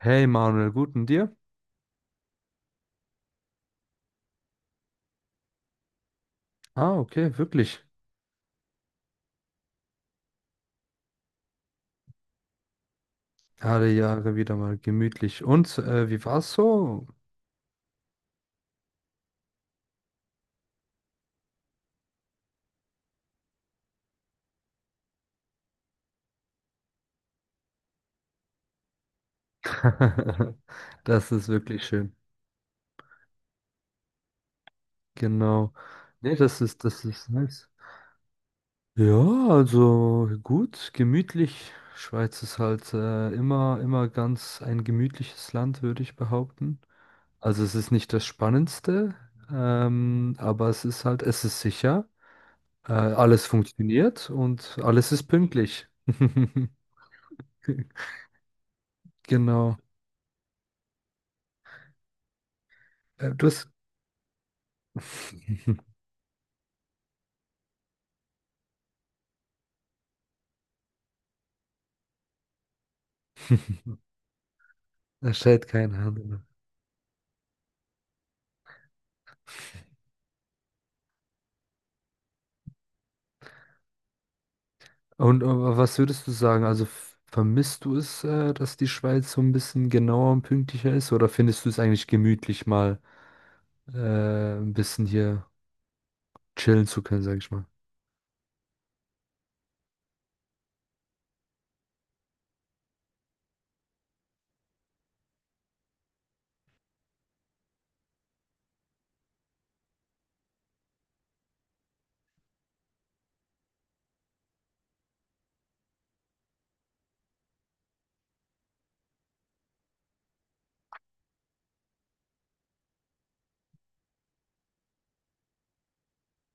Hey Manuel, guten dir? Ah, okay, wirklich. Alle Jahre wieder mal gemütlich. Und wie war's so? Das ist wirklich schön. Genau. Nee, das ist nice. Ja, also gut, gemütlich. Schweiz ist halt immer ganz ein gemütliches Land, würde ich behaupten. Also es ist nicht das Spannendste, aber es ist halt, es ist sicher. Alles funktioniert und alles ist pünktlich. Genau. Du hast. Da schreit kein Hahn danach. Und was würdest du sagen? Also vermisst du es, dass die Schweiz so ein bisschen genauer und pünktlicher ist? Oder findest du es eigentlich gemütlich, mal ein bisschen hier chillen zu können, sag ich mal?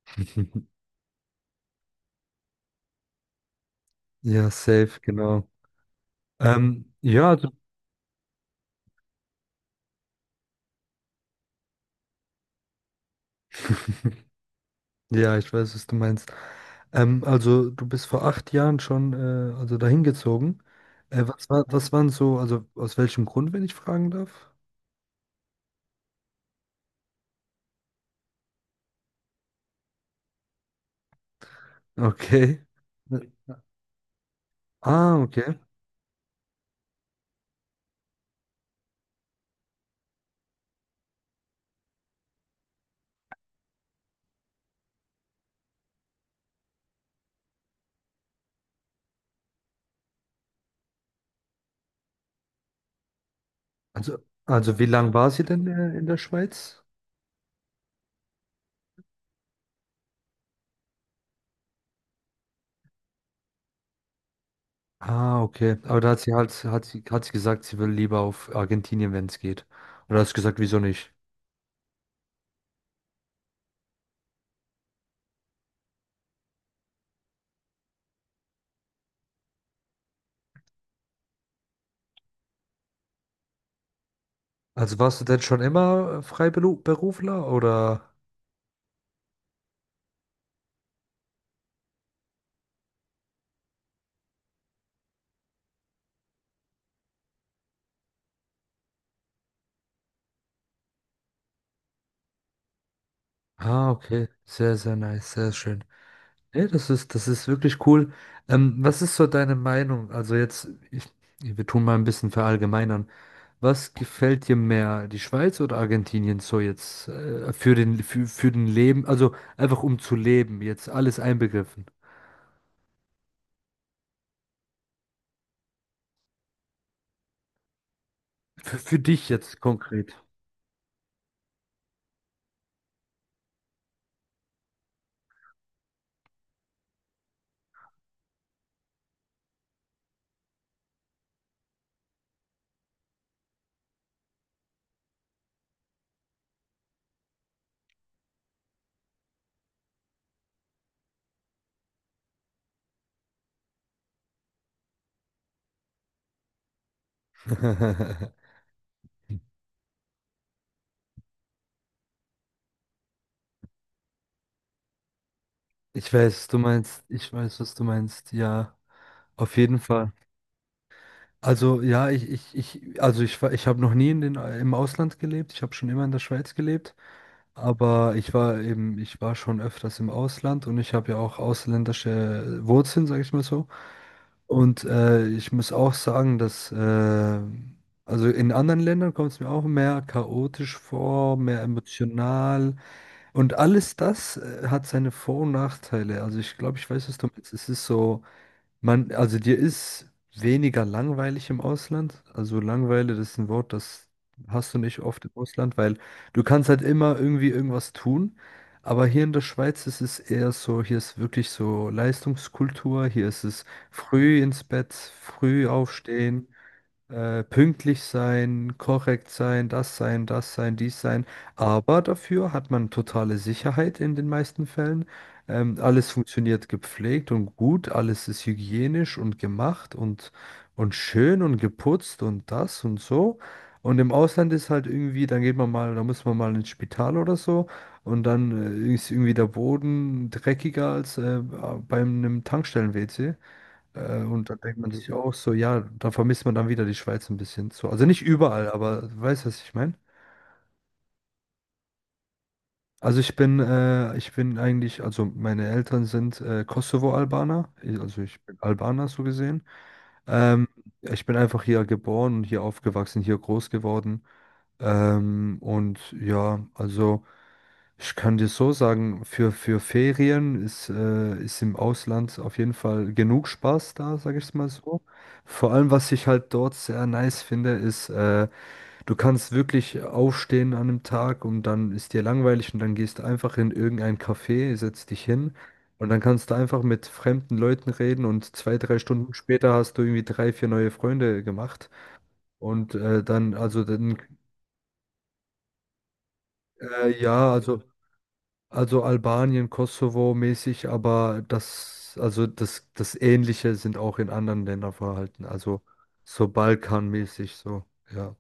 Ja, safe, genau. Ja, ja, ich weiß, was du meinst. Also du bist vor 8 Jahren schon also dahin gezogen. Was waren so, also aus welchem Grund, wenn ich fragen darf? Okay. Ah, okay. Also, also wie lange war sie denn in der Schweiz? Ah, okay. Aber da hat sie gesagt, sie will lieber auf Argentinien, wenn es geht. Und da hast du gesagt, wieso nicht? Also warst du denn schon immer Freiberufler oder? Ah, okay. Sehr, sehr nice, sehr schön. Nee, das ist wirklich cool. Was ist so deine Meinung? Also jetzt, wir tun mal ein bisschen verallgemeinern. Was gefällt dir mehr, die Schweiz oder Argentinien so jetzt für den Leben, also einfach um zu leben, jetzt alles einbegriffen. Für dich jetzt konkret. Ich weiß, was du meinst. Ich weiß, was du meinst. Ja, auf jeden Fall. Also ja, ich also ich habe noch nie in den im Ausland gelebt. Ich habe schon immer in der Schweiz gelebt. Aber ich war schon öfters im Ausland und ich habe ja auch ausländische Wurzeln, sage ich mal so. Und ich muss auch sagen, dass, also in anderen Ländern kommt es mir auch mehr chaotisch vor, mehr emotional. Und alles das hat seine Vor- und Nachteile. Also ich glaube, ich weiß, was du meinst. Es ist so. Also dir ist weniger langweilig im Ausland. Also Langeweile, das ist ein Wort, das hast du nicht oft im Ausland, weil du kannst halt immer irgendwie irgendwas tun. Aber hier in der Schweiz ist es eher so, hier ist wirklich so Leistungskultur, hier ist es früh ins Bett, früh aufstehen pünktlich sein, korrekt sein, das sein, das sein, dies sein. Aber dafür hat man totale Sicherheit in den meisten Fällen. Alles funktioniert gepflegt und gut, alles ist hygienisch und gemacht und schön und geputzt und das und so. Und im Ausland ist halt irgendwie, dann geht man mal, da muss man mal ins Spital oder so und dann ist irgendwie der Boden dreckiger als beim einem Tankstellen-WC. Und dann denkt man sich auch so, ja, da vermisst man dann wieder die Schweiz ein bisschen so. Also nicht überall, aber du weißt, was ich meine? Also ich bin eigentlich, also meine Eltern sind Kosovo-Albaner, also ich bin Albaner so gesehen. Ähm, Ich bin einfach hier geboren und hier aufgewachsen, hier groß geworden. Und ja, also ich kann dir so sagen, für Ferien ist im Ausland auf jeden Fall genug Spaß da, sage ich es mal so. Vor allem, was ich halt dort sehr nice finde, ist, du kannst wirklich aufstehen an einem Tag und dann ist dir langweilig und dann gehst du einfach in irgendein Café, setzt dich hin und dann kannst du einfach mit fremden Leuten reden und 2, 3 Stunden später hast du irgendwie drei, vier neue Freunde gemacht. Und dann ja, also Albanien, Kosovo mäßig, aber das Ähnliche sind auch in anderen Ländern vorhanden. Also so Balkanmäßig, so, ja.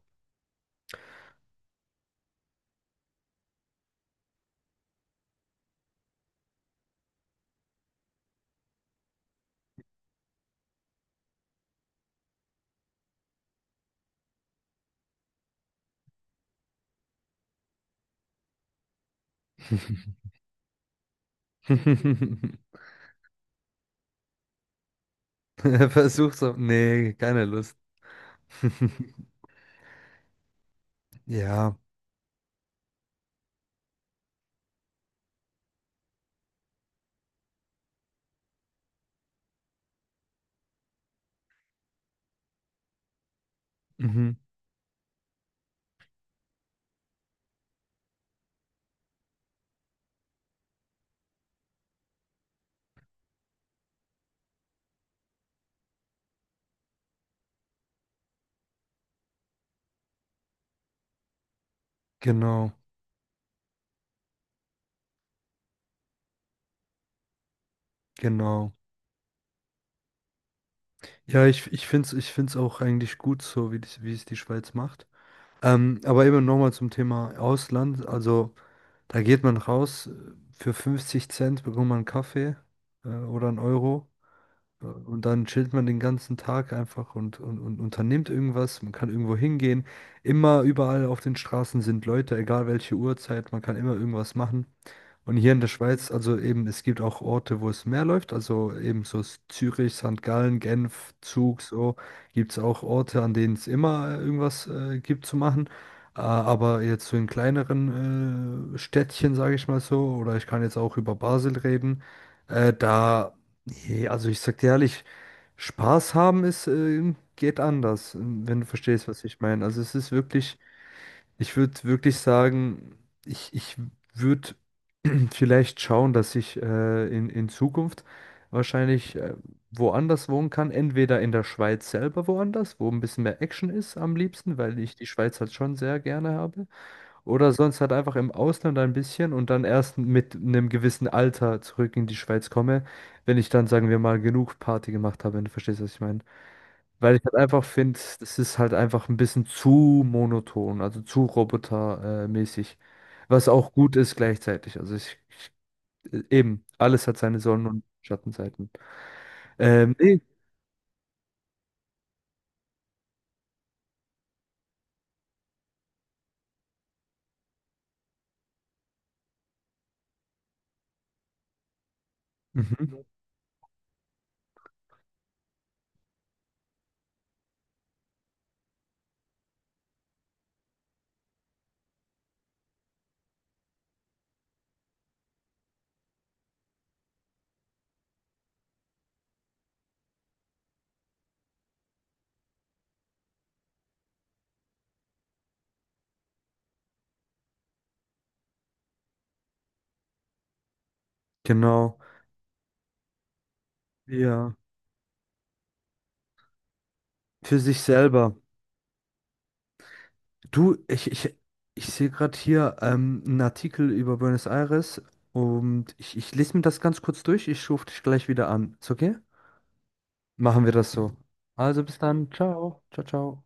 Versuch so. Nee, keine Lust. Ja, mhm, genau, genau. Ja, ich finde es ich find's auch eigentlich gut so, wie es die Schweiz macht. Aber eben nochmal zum Thema Ausland. Also. Da geht man raus, für 50 Cent bekommt man einen Kaffee oder einen Euro. Und dann chillt man den ganzen Tag einfach und unternimmt irgendwas. Man kann irgendwo hingehen. Immer überall auf den Straßen sind Leute, egal welche Uhrzeit. Man kann immer irgendwas machen. Und hier in der Schweiz, also eben, es gibt auch Orte, wo es mehr läuft. Also eben so Zürich, St. Gallen, Genf, Zug, so gibt es auch Orte, an denen es immer irgendwas gibt zu machen. Aber jetzt so in kleineren Städtchen, sage ich mal so, oder ich kann jetzt auch über Basel reden. Da Nee, also ich sag dir ehrlich, Spaß haben ist, geht anders, wenn du verstehst, was ich meine. Also es ist wirklich, ich würde wirklich sagen, ich würde vielleicht schauen, dass ich in Zukunft wahrscheinlich woanders wohnen kann. Entweder in der Schweiz selber woanders, wo ein bisschen mehr Action ist am liebsten, weil ich die Schweiz halt schon sehr gerne habe. Oder sonst halt einfach im Ausland ein bisschen und dann erst mit einem gewissen Alter zurück in die Schweiz komme, wenn ich dann, sagen wir mal, genug Party gemacht habe, wenn du verstehst, was ich meine. Weil ich halt einfach finde, das ist halt einfach ein bisschen zu monoton, also zu robotermäßig. Was auch gut ist gleichzeitig. Also ich eben, alles hat seine Sonnen- und Schattenseiten. Nee. Mhm. Genau. Ja. Für sich selber. Du, ich sehe gerade hier einen Artikel über Buenos Aires und ich lese mir das ganz kurz durch. Ich rufe dich gleich wieder an. Ist okay? Machen wir das so. Also bis dann. Ciao. Ciao, ciao.